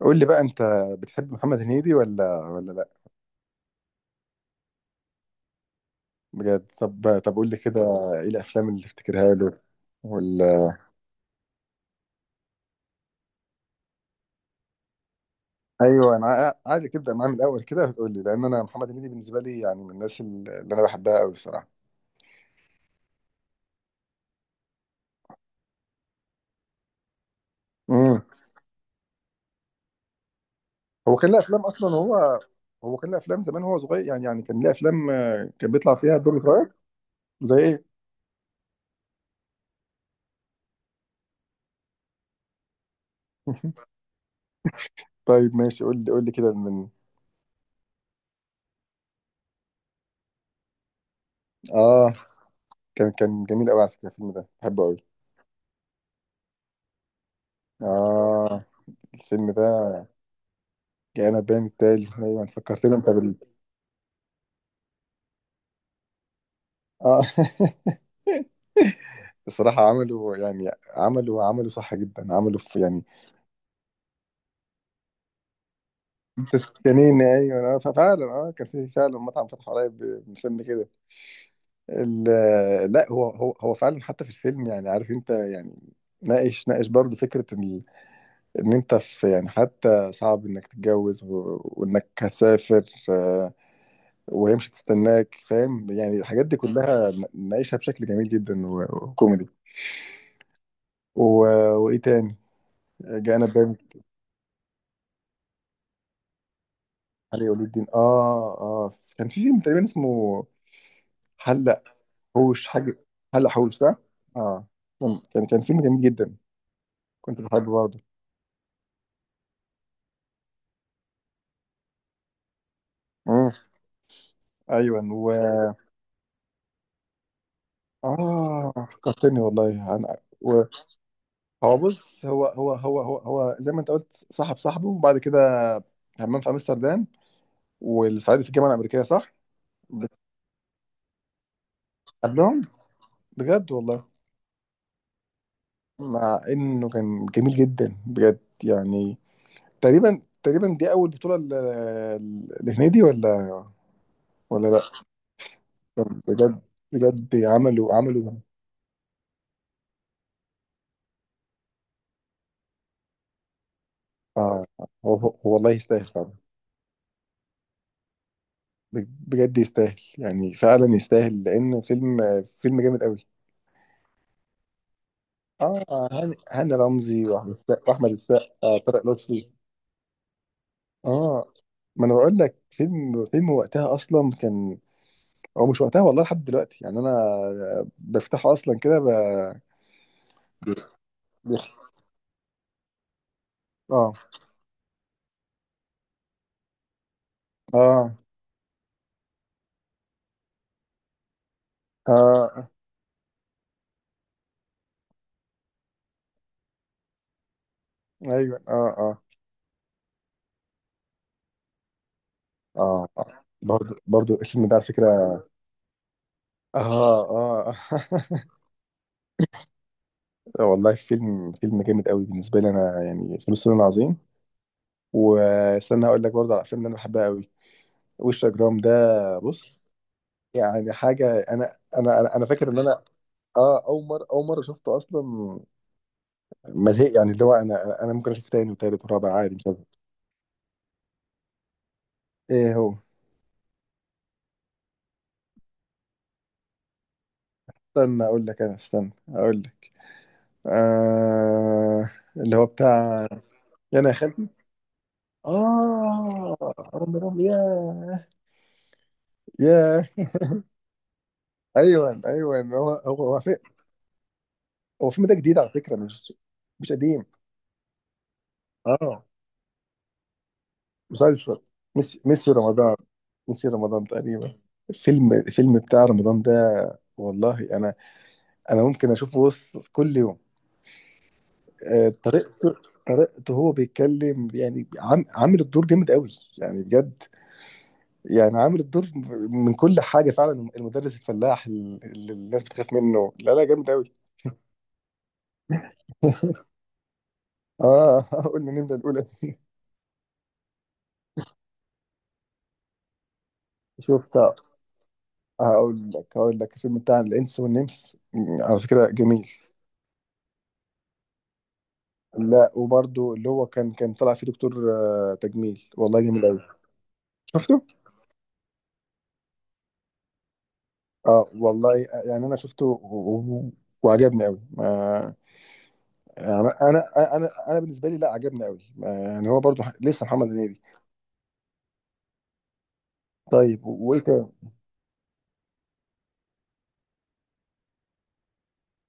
قول لي بقى انت بتحب محمد هنيدي ولا لا؟ بجد، طب قول لي كده. ايه الافلام اللي تفتكرها له؟ ولا؟ ايوه، انا عايزك تبدا معاه من الاول كده وتقول لي، لان انا محمد هنيدي بالنسبه لي يعني من الناس اللي انا بحبها قوي الصراحه. امم. هو كان له افلام اصلا هو؟ هو كان له افلام زمان هو صغير، يعني كان له افلام كان بيطلع فيها دور صغير. زي ايه؟ طيب ماشي، قول لي كده من... اه، كان جميل قوي على فكره، الفيلم ده بحبه قوي. اه، الفيلم ده. كأنا باين التالي، أيوة أنت فكرتني أنت بال... آه. الصراحة عملوا، يعني عملوا صح جدا، عملوا في يعني... تسكنين، أيوة، ففعلا كان في فعلا مطعم فتح قريب مسمي كده. لا، هو فعلا حتى في الفيلم، يعني عارف أنت يعني، ناقش برضه فكرة إن أنت في، يعني حتى صعب إنك تتجوز وإنك هتسافر، وهي مش هتستناك، فاهم يعني الحاجات دي كلها ناقشها بشكل جميل جدا، وكوميدي. و... وايه تاني؟ جانا بان، علي ولي الدين. اه، اه. كان في فيلم تقريبا اسمه... حلق حوش، حاجه. حلق حوش، صح؟ اه. مم. كان فيلم جميل جدا. كنت بحبه برضه. مم. ايوه و... اه، فكرتني والله عن... و... هو بص، هو زي ما انت قلت صاحب صاحبه، وبعد كده همام في امستردام، والصعيدي في الجامعه الامريكيه، صح؟ قبلهم. بجد والله. مع انه كان جميل جدا بجد، يعني تقريبا دي اول بطوله لهنيدي، ولا؟ ولا لا. بجد. بجد، عملوا اه، هو والله يستاهل فعلا. بجد يستاهل، يعني فعلا يستاهل لان فيلم، فيلم جامد قوي. اه، هاني رمزي، واحمد السقا، طارق لطفي. اه، ما انا بقول لك فيلم وقتها اصلا كان... هو مش وقتها، والله لحد دلوقتي يعني انا بفتحه اصلا كده بيخ- اه، اه، اه. ايوه، اه، اه، اه. آه. برضو الفيلم ده على فكره. اه، اه. والله، فيلم جامد قوي بالنسبه لي انا، يعني فيلم الصين العظيم. واستنى اقول لك برضو على الافلام اللي انا بحبها قوي، وش جرام ده. بص، يعني حاجه، انا فاكر ان انا... اه، اول مره شفته اصلا ما زهق، يعني اللي هو انا ممكن اشوف تاني وتالت ورابع، عادي مش هزهق. ايه هو؟ استنى اقول لك. آه. اللي هو بتاع... يا انا يا خالتي. اه، رمضان، ياه. ياه. ايوه، ايوه، هو في-... هو الفيلم ده جديد على فكره، مش مش قديم؟ اه. مسلسل. ميسي رمضان. ميسي رمضان تقريبا. الفيلم بتاع رمضان ده، والله انا، انا ممكن اشوفه بص كل يوم. طريقته، طريقته هو بيتكلم، يعني عامل الدور جامد قوي، يعني بجد. يعني عامل الدور من كل حاجه فعلا، المدرس الفلاح اللي الناس بتخاف منه، لا لا، جامد قوي. اه. قلنا نبدأ الأولى دي. شفت. هقول لك الفيلم بتاع الإنس والنمس، على فكرة جميل. لا وبرده اللي هو كان طلع فيه دكتور تجميل والله جميل أوي. شفته؟ اه والله، يعني أنا شفته وعجبني أوي يعني، أنا بالنسبة لي لا عجبني أوي يعني هو برده لسه محمد هنيدي. طيب، وإيه تاني؟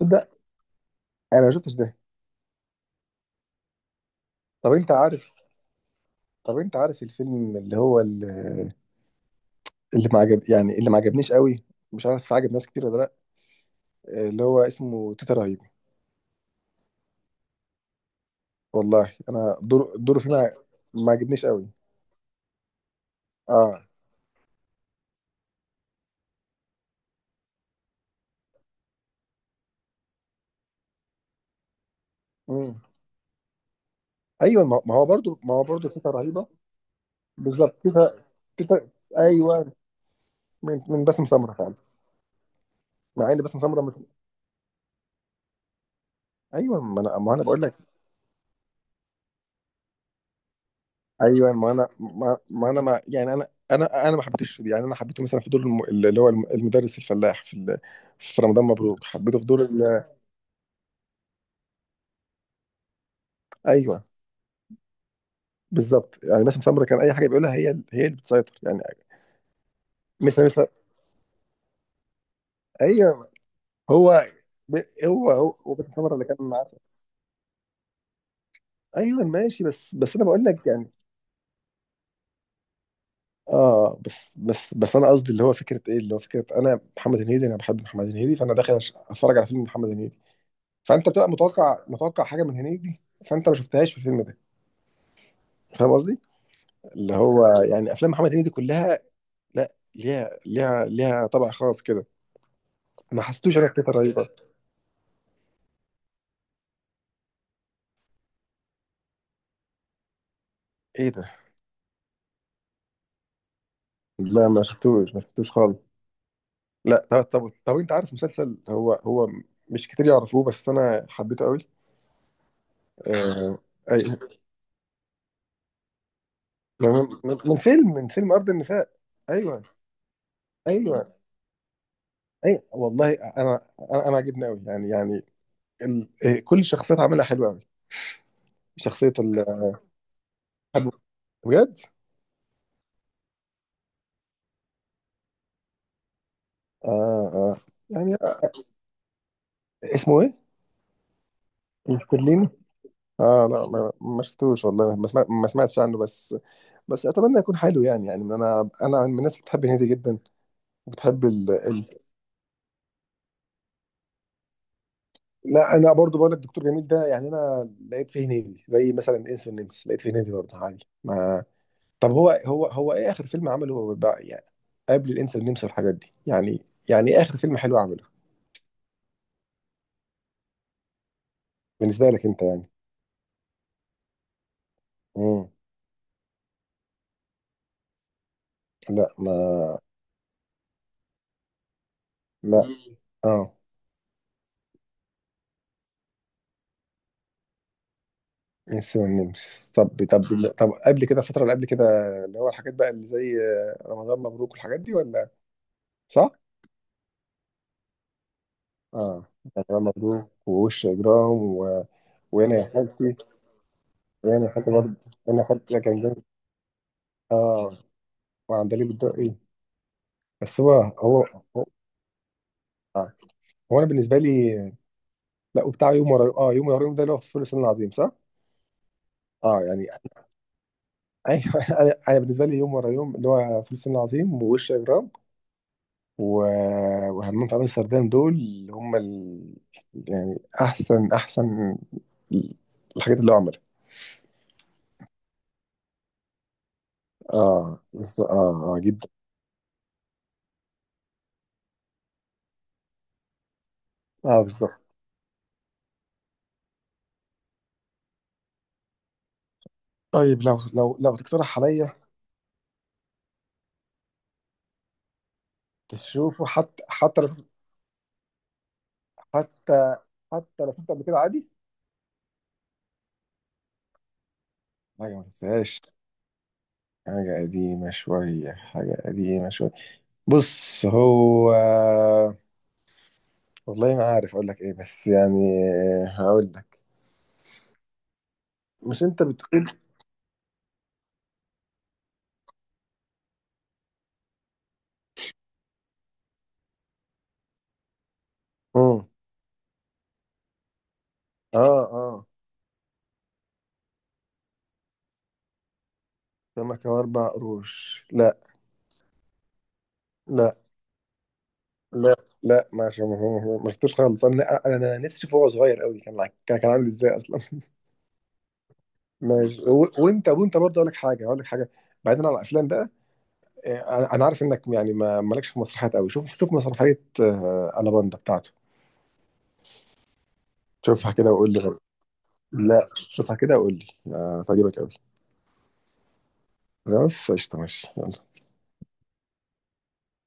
تصدق، أنا ما شفتش ده. طب أنت عارف، طب أنت عارف الفيلم اللي هو، اللي ما عجب، يعني اللي ما عجبنيش قوي، مش عارف عجب ناس كتير ولا لا، اللي هو اسمه تيتا رهيب. والله انا، دوره فيه ما، ما عجبنيش قوي. اه. امم. ايوه ما هو برضو، تيتا رهيبه. بالظبط، تيتا. تيتا. ايوه. من باسم سمره فعلا. مع ان باسم سمره مش... ايوه، ما انا بقول لك. ايوه، ما انا ما, ما انا ما يعني، انا ما حبيتش، يعني انا حبيته مثلا في دور اللي هو المدرس الفلاح في في رمضان مبروك، حبيته في دور ايوه بالظبط، يعني باسم سمره كان اي حاجه بيقولها، هي، هي اللي بتسيطر يعني. مثل ايوه. هو ب- هو هو هو باسم سمره اللي كان معاه. ايوه ماشي، بس انا بقول لك يعني... اه، بس انا قصدي اللي هو فكره ايه، اللي هو فكره انا محمد هنيدي، انا بحب محمد هنيدي، فانا داخل اتفرج على فيلم محمد هنيدي، فانت بتبقى متوقع، متوقع حاجه من هنيدي، فانت ما شفتهاش في الفيلم ده. فاهم قصدي؟ اللي هو يعني افلام محمد هنيدي كلها، لا، ليها طبع خاص كده. ما حسيتوش انا كده رهيبه. ايه ده؟ لا، ما شفتوش خالص. لا، طب انت عارف مسلسل هو مش كتير يعرفوه، بس انا حبيته قوي. آه. اي، من فيلم ارض النفاق. ايوه، ايوه. اي والله، انا عجبني قوي، يعني ال... آه، كل الشخصيات عاملها حلوه قوي، شخصيه ال... بجد. اه، اه، يعني اسمه ايه؟ مسترليني. اه، لا، ما شفتوش والله، ما سمعتش عنه، بس، بس اتمنى يكون حلو، يعني انا من الناس اللي بتحب هنيدي جدا، بتحب لا، انا برضو بقول لك دكتور جميل ده، يعني انا لقيت فيه هنيدي، زي مثلا انس والنمس لقيت فيه هنيدي برضه، عادي ما طب، هو ايه اخر فيلم عمله هو بقى، يعني قبل الانس والنمس والحاجات دي، يعني، يعني ايه اخر فيلم حلو عمله؟ بالنسبه لك انت يعني. امم. لا، ما لا، اه، انس والنمس. طب طب قبل كده الفتره اللي قبل كده، اللي هو الحاجات بقى اللي زي رمضان مبروك والحاجات دي، ولا؟ صح؟ اه. رمضان مبروك ووش اجرام وهنا يا حبيبتي، يعني خدت برضه، انا خدت، كان جامد. اه. وعندليب الدقي. بس هو, آه. هو انا بالنسبه لي، لا وبتاع يوم ورا يوم، اه، يوم ورا يوم ده اللي هو في فول الصين العظيم، صح؟ اه، يعني، ايوه. انا بالنسبه لي يوم ورا يوم اللي هو فول الصين العظيم، ووش اجرام، و... وهمام في عمل السردان دول اللي هم يعني احسن الحاجات اللي هو عملها. اه، بس، اه، اه، جدا. اه، بالظبط. طيب، لو تقترح عليا تشوفه، حتى لو، حتى حتى لو شفت قبل كده عادي. حاجة ما شفتهاش، حاجة قديمة شوية. بص، هو والله ما عارف أقول لك إيه، بس يعني هقول لك. مش أنت بتقول؟ مم. آه، آه. سمكة وأربع قروش، لا. لا، لا، لا ما شف- ما ما- ما شفتوش خالص. أنا نفسي فيه وهو صغير قوي، كان كان عامل إزاي أصلا. ماشي، وأنت برضه أقول لك حاجة، بعيدا عن الأفلام بقى، انا عارف انك يعني ما مالكش في مسرحيات قوي، شوف، شوف مسرحيه، الاباندا بتاعته. شوفها كده وقول لي رأيك. لا، شوفها كده وقول لي، هتعجبك قوي. بس قشطه، ماشي يلا.